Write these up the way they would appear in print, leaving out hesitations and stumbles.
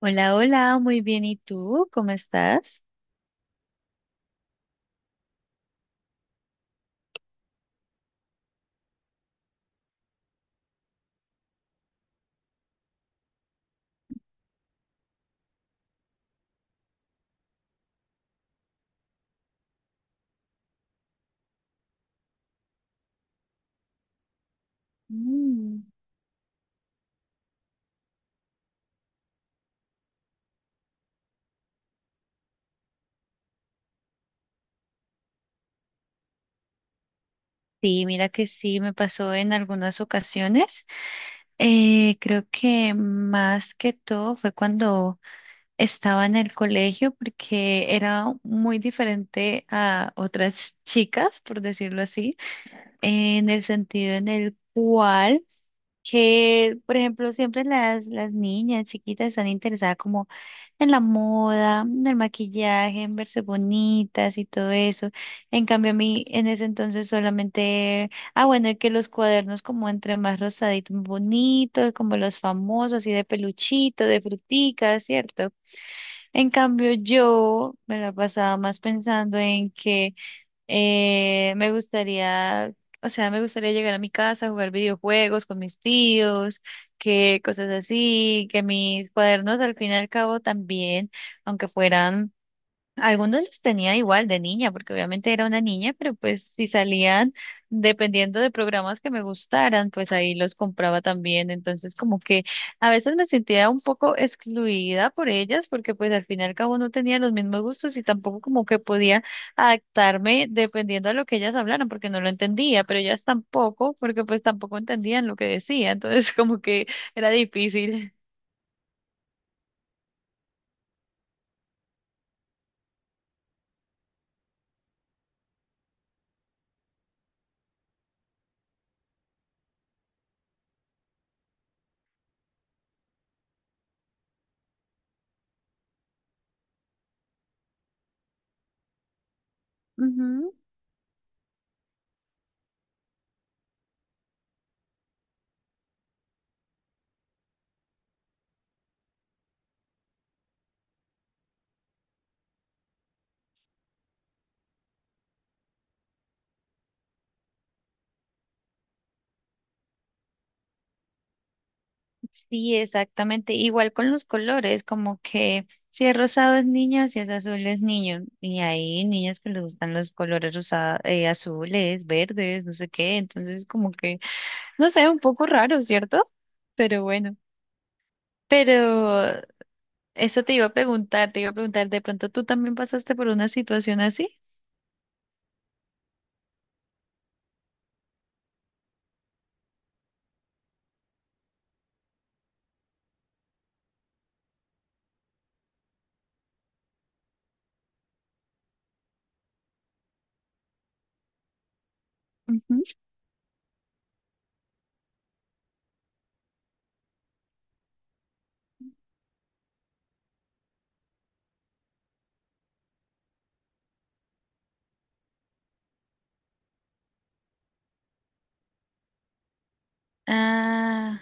Hola, hola, muy bien. ¿Y tú? ¿Cómo estás? Mm. Sí, mira que sí, me pasó en algunas ocasiones. Creo que más que todo fue cuando estaba en el colegio porque era muy diferente a otras chicas, por decirlo así, en el sentido en el cual que, por ejemplo, siempre las niñas chiquitas están interesadas como en la moda, en el maquillaje, en verse bonitas y todo eso. En cambio, a mí en ese entonces solamente, ah, bueno, y que los cuadernos, como entre más rosaditos, bonitos, como los famosos, así de peluchito, de fruticas, ¿cierto? En cambio, yo me la pasaba más pensando en que me gustaría, o sea, me gustaría llegar a mi casa, jugar videojuegos con mis tíos, que cosas así, que mis cuadernos al fin y al cabo también, aunque fueran algunos, los tenía igual de niña, porque obviamente era una niña, pero pues si salían, dependiendo de programas que me gustaran, pues ahí los compraba también. Entonces como que a veces me sentía un poco excluida por ellas, porque pues al fin y al cabo no tenía los mismos gustos y tampoco como que podía adaptarme dependiendo a lo que ellas hablaran, porque no lo entendía, pero ellas tampoco, porque pues tampoco entendían lo que decía. Entonces como que era difícil. Sí, exactamente. Igual con los colores, como que si es rosado es niña, si es azul es niño. Y hay niñas que les gustan los colores azules, verdes, no sé qué. Entonces, como que, no sé, un poco raro, ¿cierto? Pero bueno. Pero eso te iba a preguntar, te iba a preguntar, ¿de pronto tú también pasaste por una situación así? Ujú. Ah,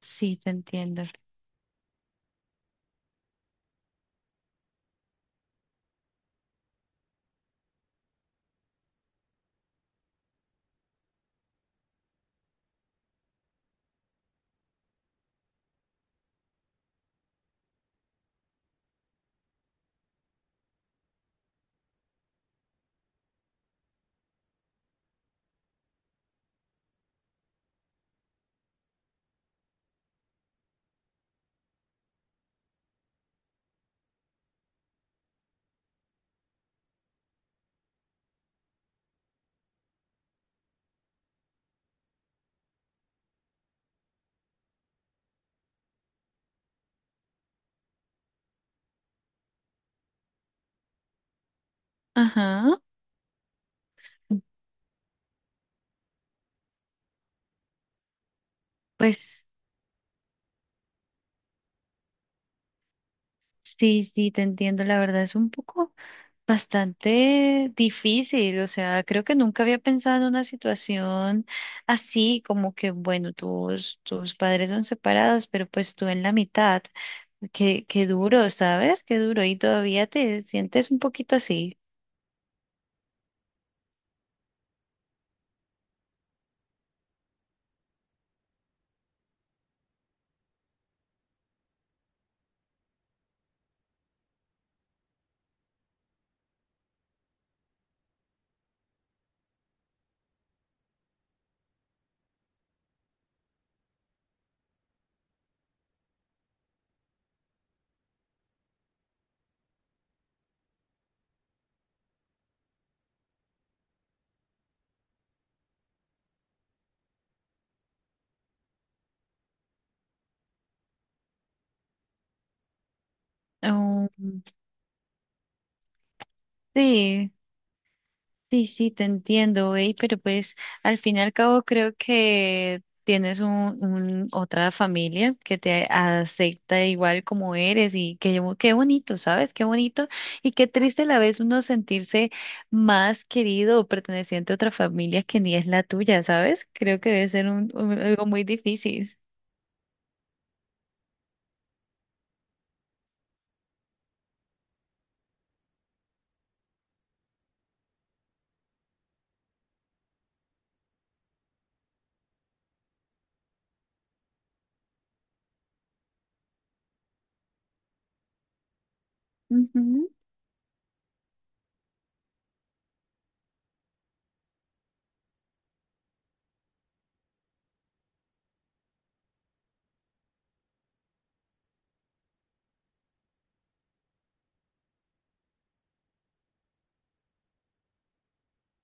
sí, te entiendo. Ajá. Pues. Sí, sí, te entiendo. La verdad es un poco bastante difícil. O sea, creo que nunca había pensado en una situación así, como que, bueno, tus padres son separados, pero pues tú en la mitad. Qué, qué duro, ¿sabes? Qué duro. Y todavía te sientes un poquito así. Oh, sí. Sí, sí, te entiendo, güey, pero pues al fin y al cabo creo que tienes un, otra familia que te acepta igual como eres y qué bonito, ¿sabes? Qué bonito y qué triste a la vez uno sentirse más querido o perteneciente a otra familia que ni es la tuya, ¿sabes? Creo que debe ser un, algo muy difícil. Ujú.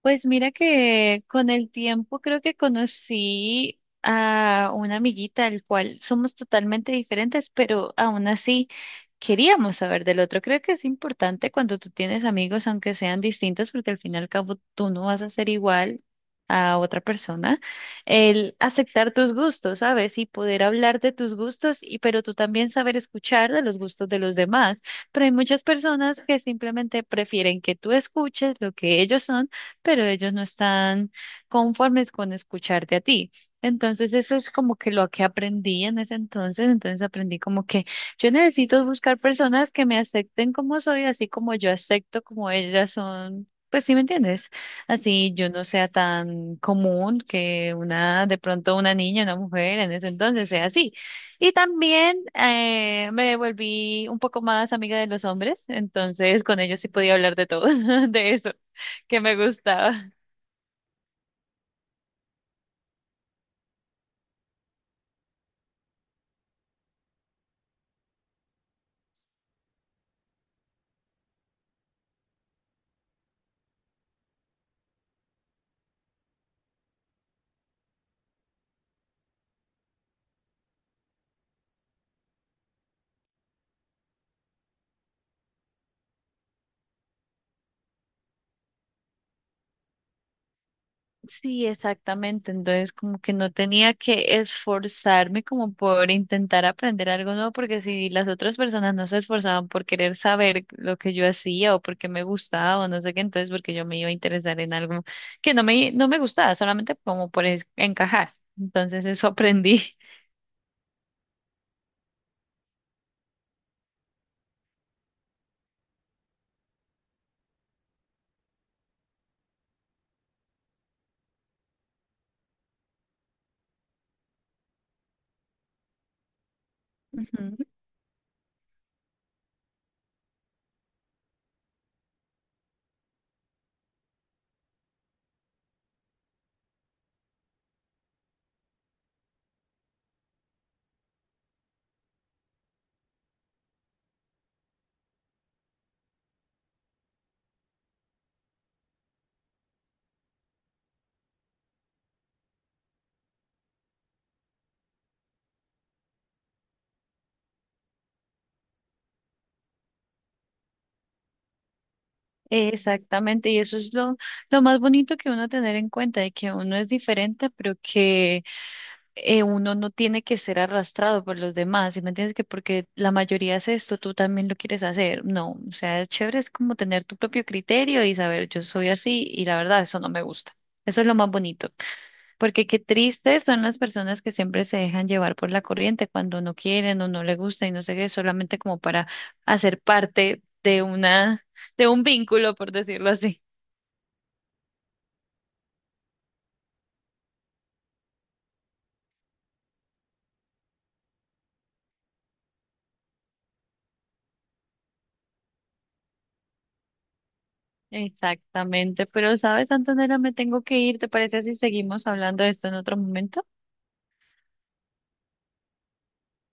Pues mira que con el tiempo creo que conocí a una amiguita, al cual somos totalmente diferentes, pero aún así queríamos saber del otro. Creo que es importante cuando tú tienes amigos, aunque sean distintos, porque al fin y al cabo tú no vas a ser igual a otra persona, el aceptar tus gustos, ¿sabes? Y poder hablar de tus gustos, y pero tú también saber escuchar de los gustos de los demás. Pero hay muchas personas que simplemente prefieren que tú escuches lo que ellos son, pero ellos no están conformes con escucharte a ti. Entonces eso es como que lo que aprendí en ese entonces, entonces aprendí como que yo necesito buscar personas que me acepten como soy, así como yo acepto como ellas son. Pues sí, ¿me entiendes? Así yo no sea tan común que una, de pronto una niña, una mujer en ese entonces sea así. Y también me volví un poco más amiga de los hombres, entonces con ellos sí podía hablar de todo, de eso que me gustaba. Sí, exactamente. Entonces, como que no tenía que esforzarme como por intentar aprender algo nuevo, porque si las otras personas no se esforzaban por querer saber lo que yo hacía o porque me gustaba o no sé qué, entonces porque yo me iba a interesar en algo que no me gustaba, solamente como encajar. Entonces, eso aprendí. Ujú. Exactamente, y eso es lo más bonito que uno tener en cuenta, de que uno es diferente, pero que uno no tiene que ser arrastrado por los demás, ¿sí me entiendes? Que porque la mayoría hace esto, tú también lo quieres hacer. No, o sea, es chévere, es como tener tu propio criterio y saber, yo soy así y la verdad, eso no me gusta. Eso es lo más bonito, porque qué tristes son las personas que siempre se dejan llevar por la corriente cuando no quieren o no les gusta y no sé qué, solamente como para hacer parte de una, de un vínculo, por decirlo así. Exactamente, pero sabes, Antonella, me tengo que ir, ¿te parece si seguimos hablando de esto en otro momento?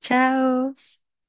Chao.